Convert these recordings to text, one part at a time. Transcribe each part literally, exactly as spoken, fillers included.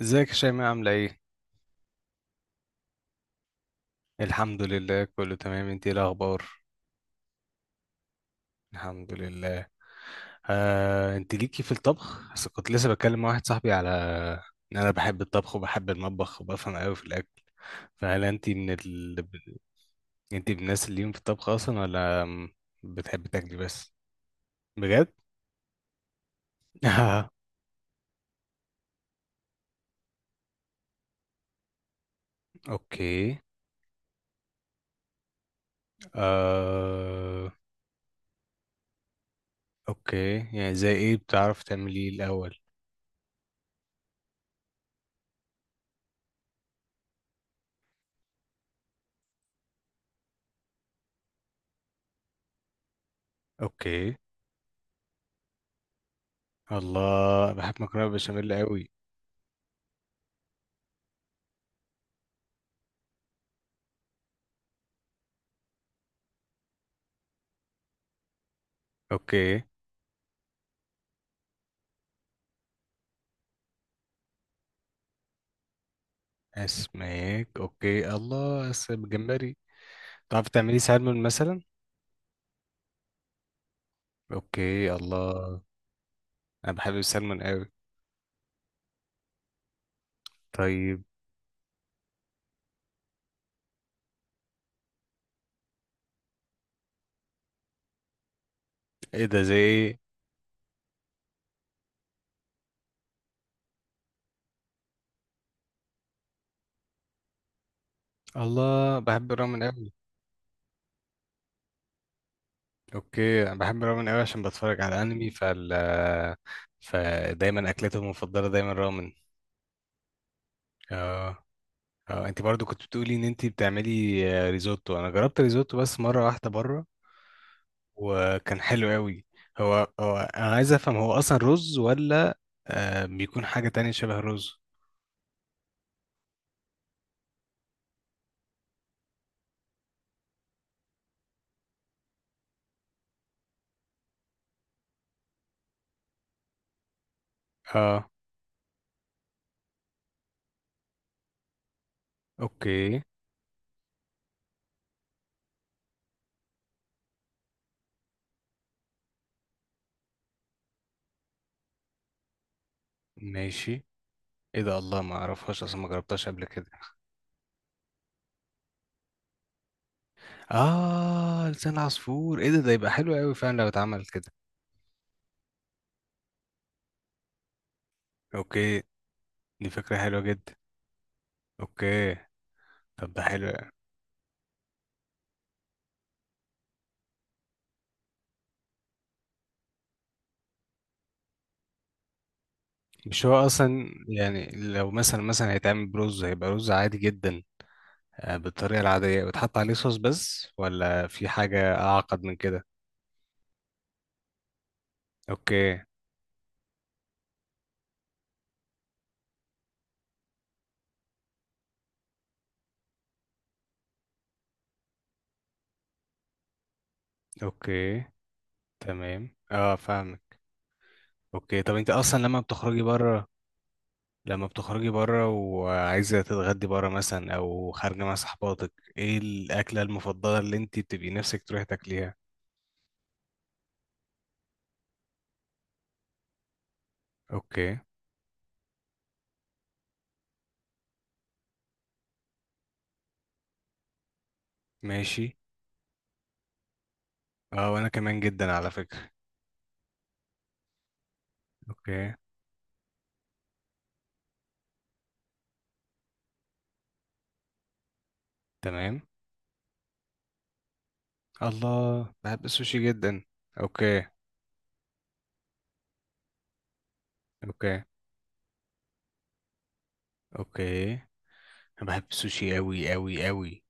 ازيك يا شيماء عاملة ايه؟ الحمد لله، كله تمام، انت ايه الأخبار؟ الحمد لله. آه، انت ليكي في الطبخ؟ بس كنت لسه بتكلم مع واحد صاحبي على ان انا بحب الطبخ وبحب المطبخ وبفهم قوي في الأكل. فهل انت من ال...؟ انت من الناس اللي ليهم في الطبخ أصلا، ولا بتحب تاكلي بس؟ بجد؟ اوكي. آه... اوكي، يعني زي ايه بتعرف تعملي الأول؟ اوكي، الله، بحب مكرونة بشاميل قوي. اوكي، اسماك، اوكي، الله، اسم جمبري. تعرف تعملي سلمون مثلا؟ اوكي، الله، انا بحب السلمون قوي. طيب. ايه ده؟ زي ايه؟ الله، بحب الرامن قوي. اوكي، انا بحب الرامن قوي عشان بتفرج على انمي، فال فدايما اكلته المفضله دايما رامن. اه. اه، انت برضو كنت بتقولي ان انت بتعملي آه، ريزوتو. انا جربت ريزوتو بس مره واحده بره، وكان حلو قوي. هو هو انا عايز افهم، هو اصلا رز، ولا آه بيكون حاجة تانية شبه الرز؟ اه، اوكي، ماشي. ايه ده؟ الله، ما اعرفهاش اصلا، ما جربتهاش قبل كده. اه، لسان عصفور، ايه ده ده يبقى حلو قوي فعلا لو اتعمل كده. اوكي، دي فكرة حلوة جدا. اوكي، طب ده حلو يعني. مش هو اصلا، يعني، لو مثلا مثلا هيتعمل برز هيبقى رز عادي جدا، آه بالطريقة العادية وتحط عليه صوص بس، ولا في حاجة اعقد من كده؟ اوكي، اوكي، تمام، اه، فاهمك. اوكي، طب انت اصلا لما بتخرجي بره، لما بتخرجي بره وعايزة تتغدي بره مثلا أو خارجة مع صحباتك، إيه الأكلة المفضلة اللي أنت بتبقي نفسك تروحي تاكليها؟ أوكي، ماشي. أه، وأنا كمان جدا على فكرة. أوكي، تمام. الله، بحب السوشي جدا. أوكي، أوكي، أوكي، أنا بحب السوشي أوي أوي أوي.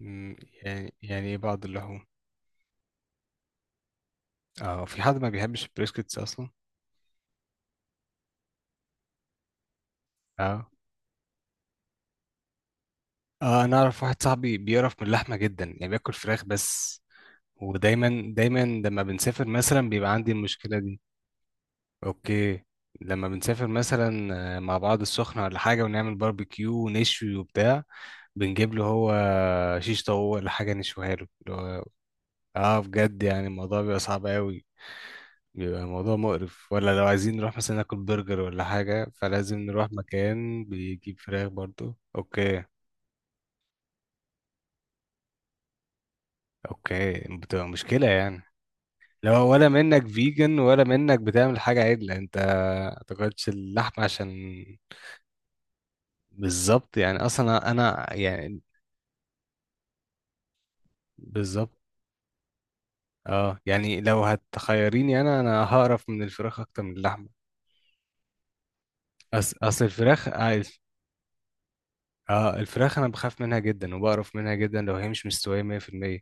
مم، يعني يعني إيه بعض اللحوم؟ أه، في حد ما بيحبش البريسكتس أصلا؟ أه. آه، أنا أعرف واحد صاحبي بيقرف من اللحمة جدا، يعني بياكل فراخ بس، ودايما دايما لما بنسافر مثلا بيبقى عندي المشكلة دي. اوكي، لما بنسافر مثلا، آه، مع بعض السخنة، ولا حاجة، ونعمل باربيكيو ونشوي وبتاع، بنجيب له هو شيش طاووق ولا حاجة نشويها له، اللي هو- اه، بجد يعني الموضوع بيبقى صعب قوي، بيبقى الموضوع مقرف، ولا لو عايزين نروح مثلا ناكل برجر ولا حاجة فلازم نروح مكان بيجيب فراخ برضو. اوكي، اوكي، بتبقى مشكلة يعني. لو ولا منك فيجن ولا منك بتعمل حاجة عدلة، انت تاكلش اللحمة عشان، بالظبط. يعني اصلا انا، يعني، بالظبط. اه، يعني لو هتخيريني، انا انا هقرف من الفراخ اكتر من اللحمة. أص... اصل الفراخ، اه الف- آه، الفراخ انا بخاف منها جدا وبقرف منها جدا لو هي مش مستوية مية في المية.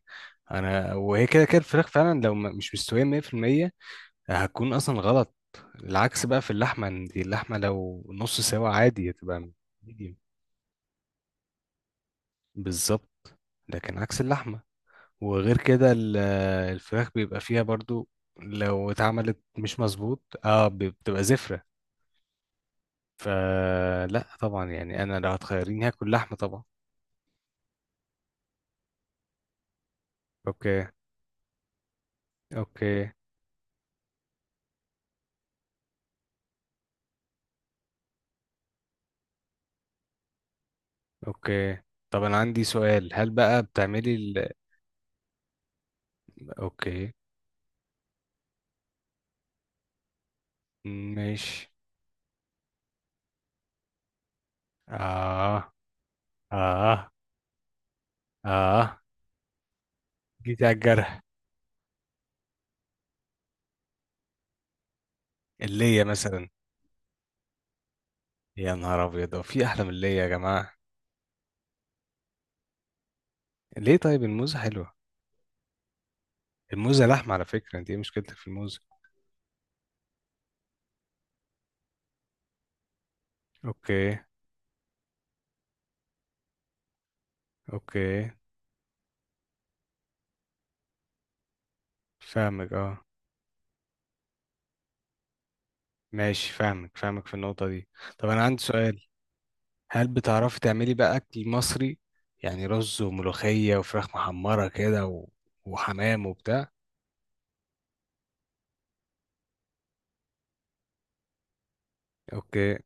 انا وهي كده كده الفراخ فعلا لو م- مش مستوية مية في المية هتكون اصلا غلط. العكس بقى في اللحمة، ان دي اللحمة لو نص سوا عادي هتبقى، بالظبط، لكن عكس اللحمة. وغير كده ال- آه، الفراخ بيبقى فيها برضو، لو اتعملت مش مظبوط اه بتبقى زفرة. فلا طبعا، يعني انا لو هتخيريني هاكل لحمة طبعا. اوكي، اوكي، اوكي، طب انا عندي سؤال، هل بقى بتعملي ال...؟ اوكي، ماشي، اه، اه، اه. جيت على الجرح. اللية مثلا؟ يا نهار ابيض، هو في احلى من اللية يا جماعة؟ ليه؟ طيب الموزة حلوة. الموزة لحمة على فكرة، انت ايه مشكلتك في الموزة؟ اوكي، اوكي، فاهمك، اه. ماشي، فاهمك فاهمك في النقطة دي. طب انا عندي سؤال، هل بتعرفي تعملي بقى اكل مصري؟ يعني رز وملوخية وفراخ محمرة كده و... وحمام وبتاع؟ اوكي،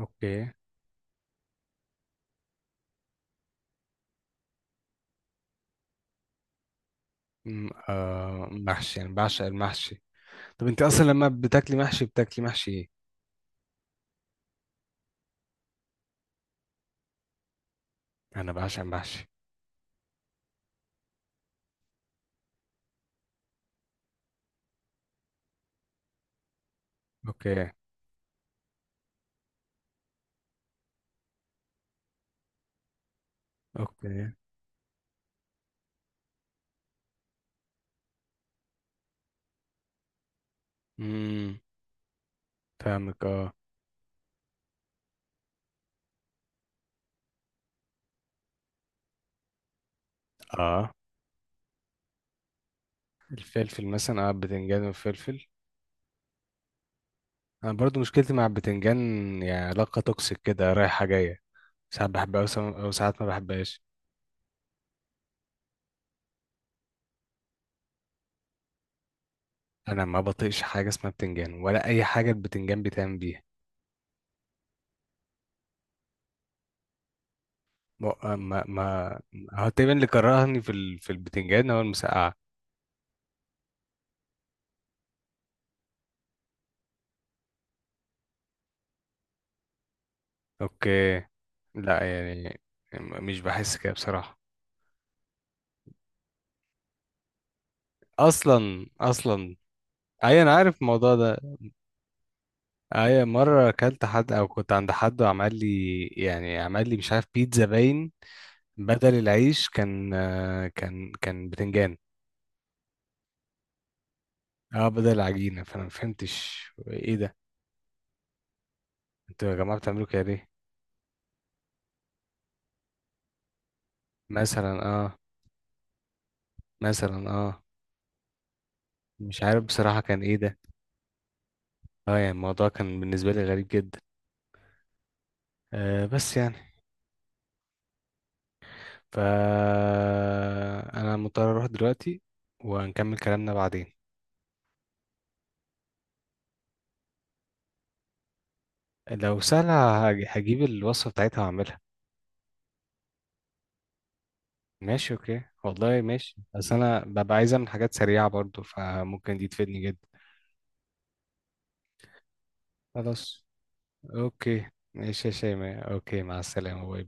اوكي، أم، آه محشي، انا بعشق المحشي. طب انت اصلا لما بتاكلي محشي بتاكلي محشي ايه؟ انا بعشق المحشي. اوكي، اوكي. امم فاهمك، اه، اه، الفلفل مثلا، اه بتنجان وفلفل. انا برضو مشكلتي مع البتنجان، يعني علاقه توكسيك كده رايحه جايه، ساعات بحبها وسا- وساعات ما بحبهاش. انا ما بطيقش حاجه اسمها بتنجان ولا اي حاجه البتنجان بيتعمل بيها. ما ما ما- هو تقريبا اللي كرهني في ال... في البتنجان هو المسقعه. اوكي، لا يعني، م- مش بحس كده بصراحه. اصلا اصلا، اي انا عارف الموضوع ده. اي مره اكلت حد او كنت عند حد وعمل لي، يعني عمل لي، مش عارف، بيتزا باين، بدل العيش كان آه، كان كان بتنجان. اه، بدل العجينة، فانا ما فهمتش ايه ده، انتوا يا جماعة بتعملوا كده ليه؟ مثلا، اه، مثلا، اه، مش عارف بصراحة كان ايه ده. اه يعني الموضوع كان بالنسبة لي غريب جدا. آه بس يعني، ف انا مضطر اروح دلوقتي ونكمل كلامنا بعدين. لو سهلة هج- هجيب الوصفة بتاعتها واعملها. ماشي، اوكي، والله ماشي، بس انا ببقى عايز اعمل حاجات سريعة برضو فممكن دي تفيدني جدا. خلاص، اوكي. ماشي يا شيماء، اوكي، مع السلامة، باي.